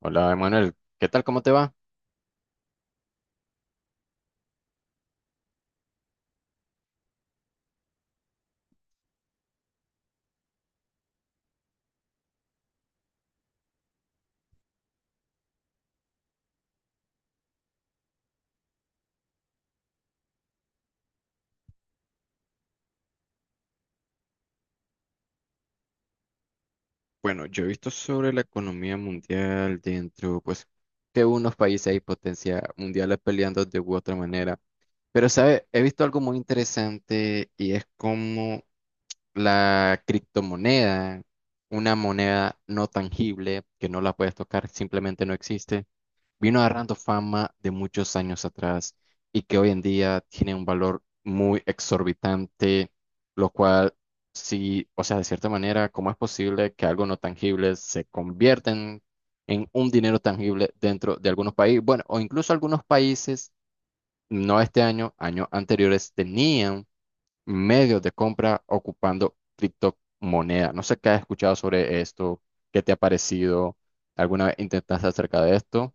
Hola, Emanuel. ¿Qué tal? ¿Cómo te va? Bueno, yo he visto sobre la economía mundial dentro, pues, que unos países hay potencia mundiales peleando de u otra manera. Pero, ¿sabes? He visto algo muy interesante y es como la criptomoneda, una moneda no tangible que no la puedes tocar, simplemente no existe, vino agarrando fama de muchos años atrás y que hoy en día tiene un valor muy exorbitante, lo cual sí, o sea, de cierta manera, ¿cómo es posible que algo no tangible se convierta en un dinero tangible dentro de algunos países? Bueno, o incluso algunos países, no este año, años anteriores, tenían medios de compra ocupando criptomonedas. No sé qué has escuchado sobre esto, qué te ha parecido, alguna vez intentaste acerca de esto.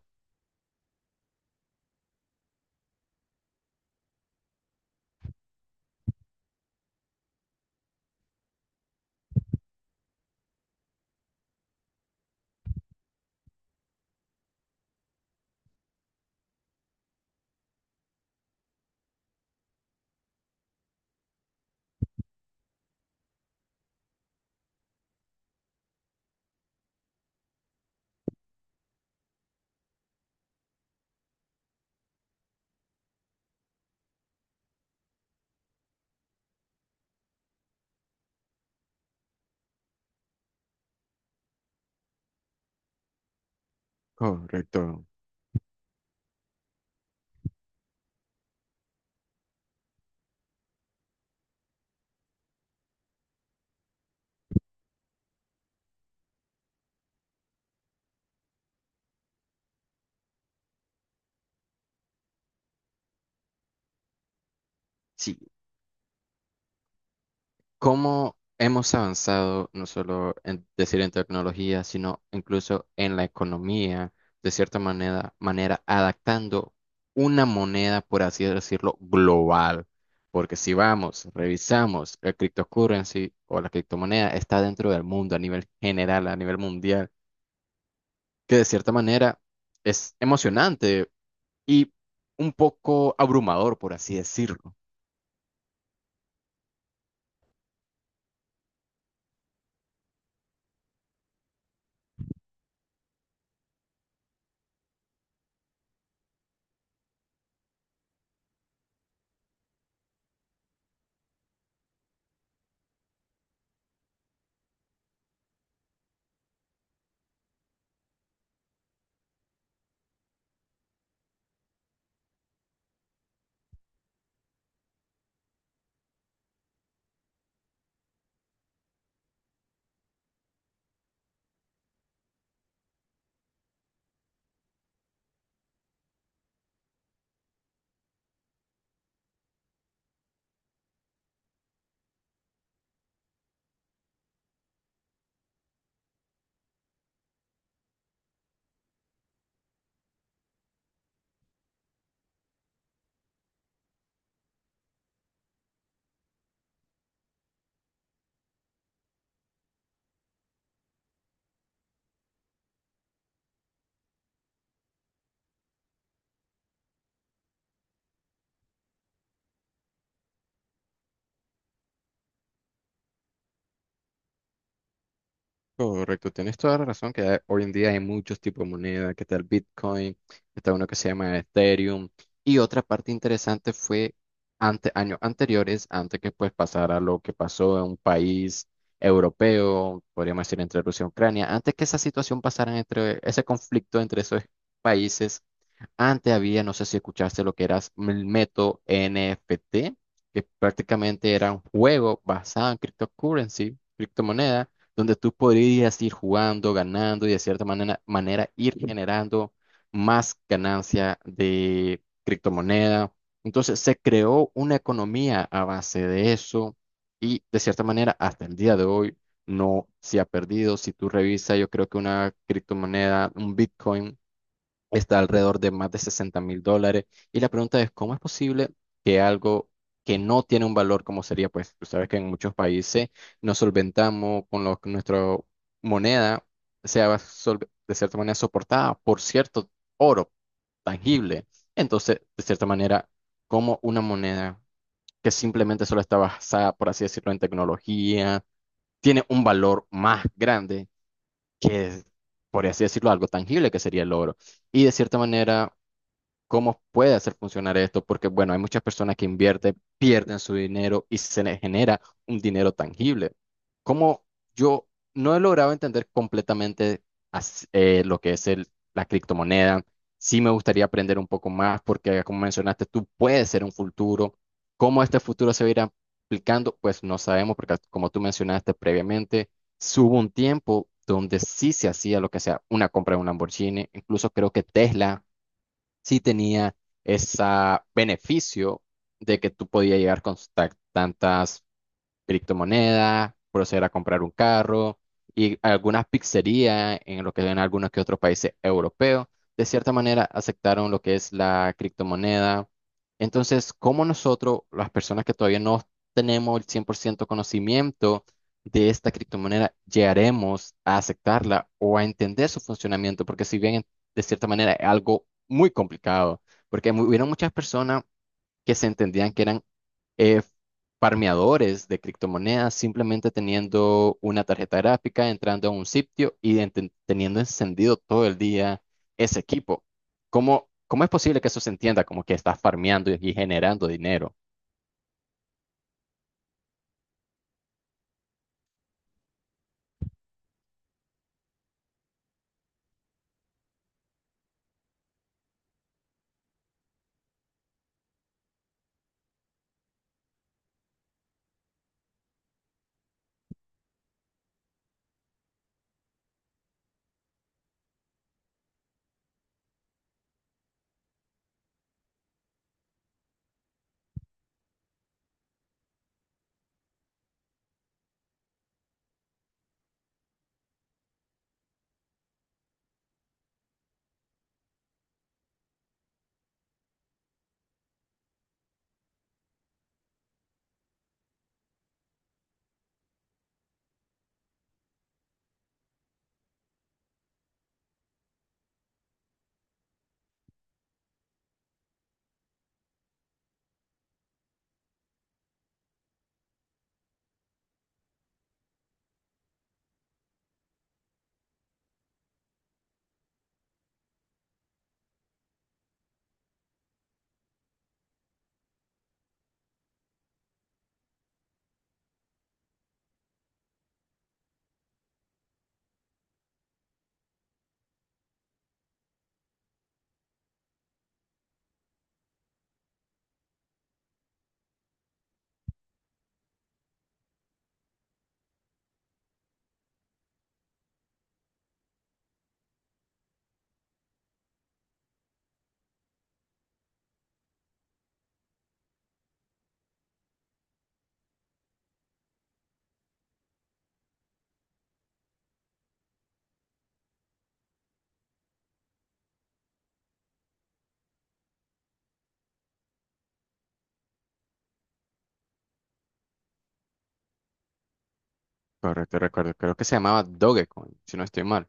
Correcto. Sí, cómo hemos avanzado no solo en decir en tecnología, sino incluso en la economía, de cierta manera adaptando una moneda, por así decirlo, global. Porque si vamos, revisamos el cryptocurrency o la criptomoneda, está dentro del mundo a nivel general, a nivel mundial, que de cierta manera es emocionante y un poco abrumador, por así decirlo. Correcto, tienes toda la razón que hoy en día hay muchos tipos de moneda, que está el Bitcoin, está uno que se llama Ethereum, y otra parte interesante fue años anteriores, antes que pues pasara lo que pasó en un país europeo, podríamos decir entre Rusia y Ucrania, antes que esa situación pasara entre ese conflicto entre esos países, antes había, no sé si escuchaste lo que era el método NFT, que prácticamente era un juego basado en cryptocurrency, criptomoneda, donde tú podrías ir jugando, ganando y de cierta manera ir generando más ganancia de criptomoneda. Entonces se creó una economía a base de eso y de cierta manera hasta el día de hoy no se ha perdido. Si tú revisas, yo creo que una criptomoneda, un Bitcoin, está alrededor de más de $60,000. Y la pregunta es, ¿cómo es posible que algo que no tiene un valor como sería, pues tú sabes que en muchos países nos solventamos con lo que nuestra moneda sea de cierta manera soportada por cierto oro tangible? Entonces, de cierta manera, como una moneda que simplemente solo está basada, por así decirlo, en tecnología, tiene un valor más grande que, por así decirlo, algo tangible que sería el oro. Y de cierta manera, cómo puede hacer funcionar esto, porque bueno, hay muchas personas que invierten, pierden su dinero y se les genera un dinero tangible. Como yo no he logrado entender completamente lo que es la criptomoneda, sí me gustaría aprender un poco más, porque como mencionaste, tú puedes ser un futuro. ¿Cómo este futuro se va a ir aplicando? Pues no sabemos, porque como tú mencionaste previamente, sí hubo un tiempo donde sí se hacía lo que sea una compra de un Lamborghini, incluso creo que Tesla sí tenía ese beneficio de que tú podías llegar con tantas criptomoneda, proceder a comprar un carro y algunas pizzerías en lo que ven algunos que otros países europeos, de cierta manera aceptaron lo que es la criptomoneda. Entonces, ¿cómo nosotros, las personas que todavía no tenemos el 100% conocimiento de esta criptomoneda, llegaremos a aceptarla o a entender su funcionamiento? Porque si bien de cierta manera es algo muy complicado, porque hubieron muchas personas que se entendían que eran eh, farmeadores de criptomonedas simplemente teniendo una tarjeta gráfica, entrando a un sitio y teniendo encendido todo el día ese equipo. ¿Cómo es posible que eso se entienda como que estás farmeando y generando dinero? Correcto, recuerdo. Creo que se llamaba Dogecoin, si no estoy mal.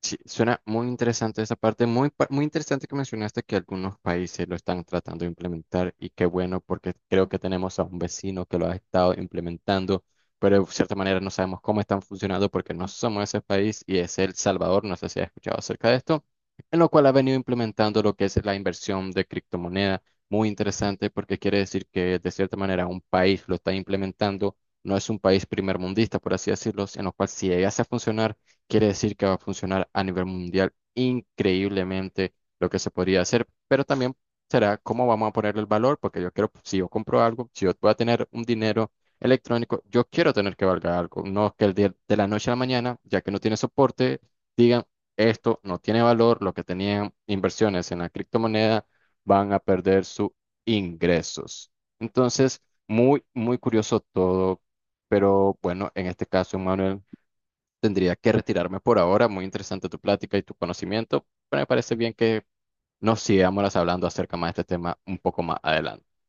Sí, suena muy interesante esa parte, muy interesante que mencionaste que algunos países lo están tratando de implementar y qué bueno porque creo que tenemos a un vecino que lo ha estado implementando, pero de cierta manera no sabemos cómo están funcionando porque no somos ese país y es El Salvador, no sé si has escuchado acerca de esto, en lo cual ha venido implementando lo que es la inversión de criptomoneda, muy interesante porque quiere decir que de cierta manera un país lo está implementando, no es un país primermundista, por así decirlo, en lo cual si llegase a funcionar quiere decir que va a funcionar a nivel mundial increíblemente lo que se podría hacer, pero también será cómo vamos a ponerle el valor, porque yo quiero, si yo compro algo, si yo voy a tener un dinero electrónico, yo quiero tener que valga algo, no que el día de la noche a la mañana, ya que no tiene soporte, digan, esto no tiene valor, lo que tenían inversiones en la criptomoneda van a perder sus ingresos. Entonces, muy curioso todo, pero bueno, en este caso, Manuel, tendría que retirarme por ahora. Muy interesante tu plática y tu conocimiento, pero me parece bien que nos sigamos hablando acerca más de este tema un poco más adelante.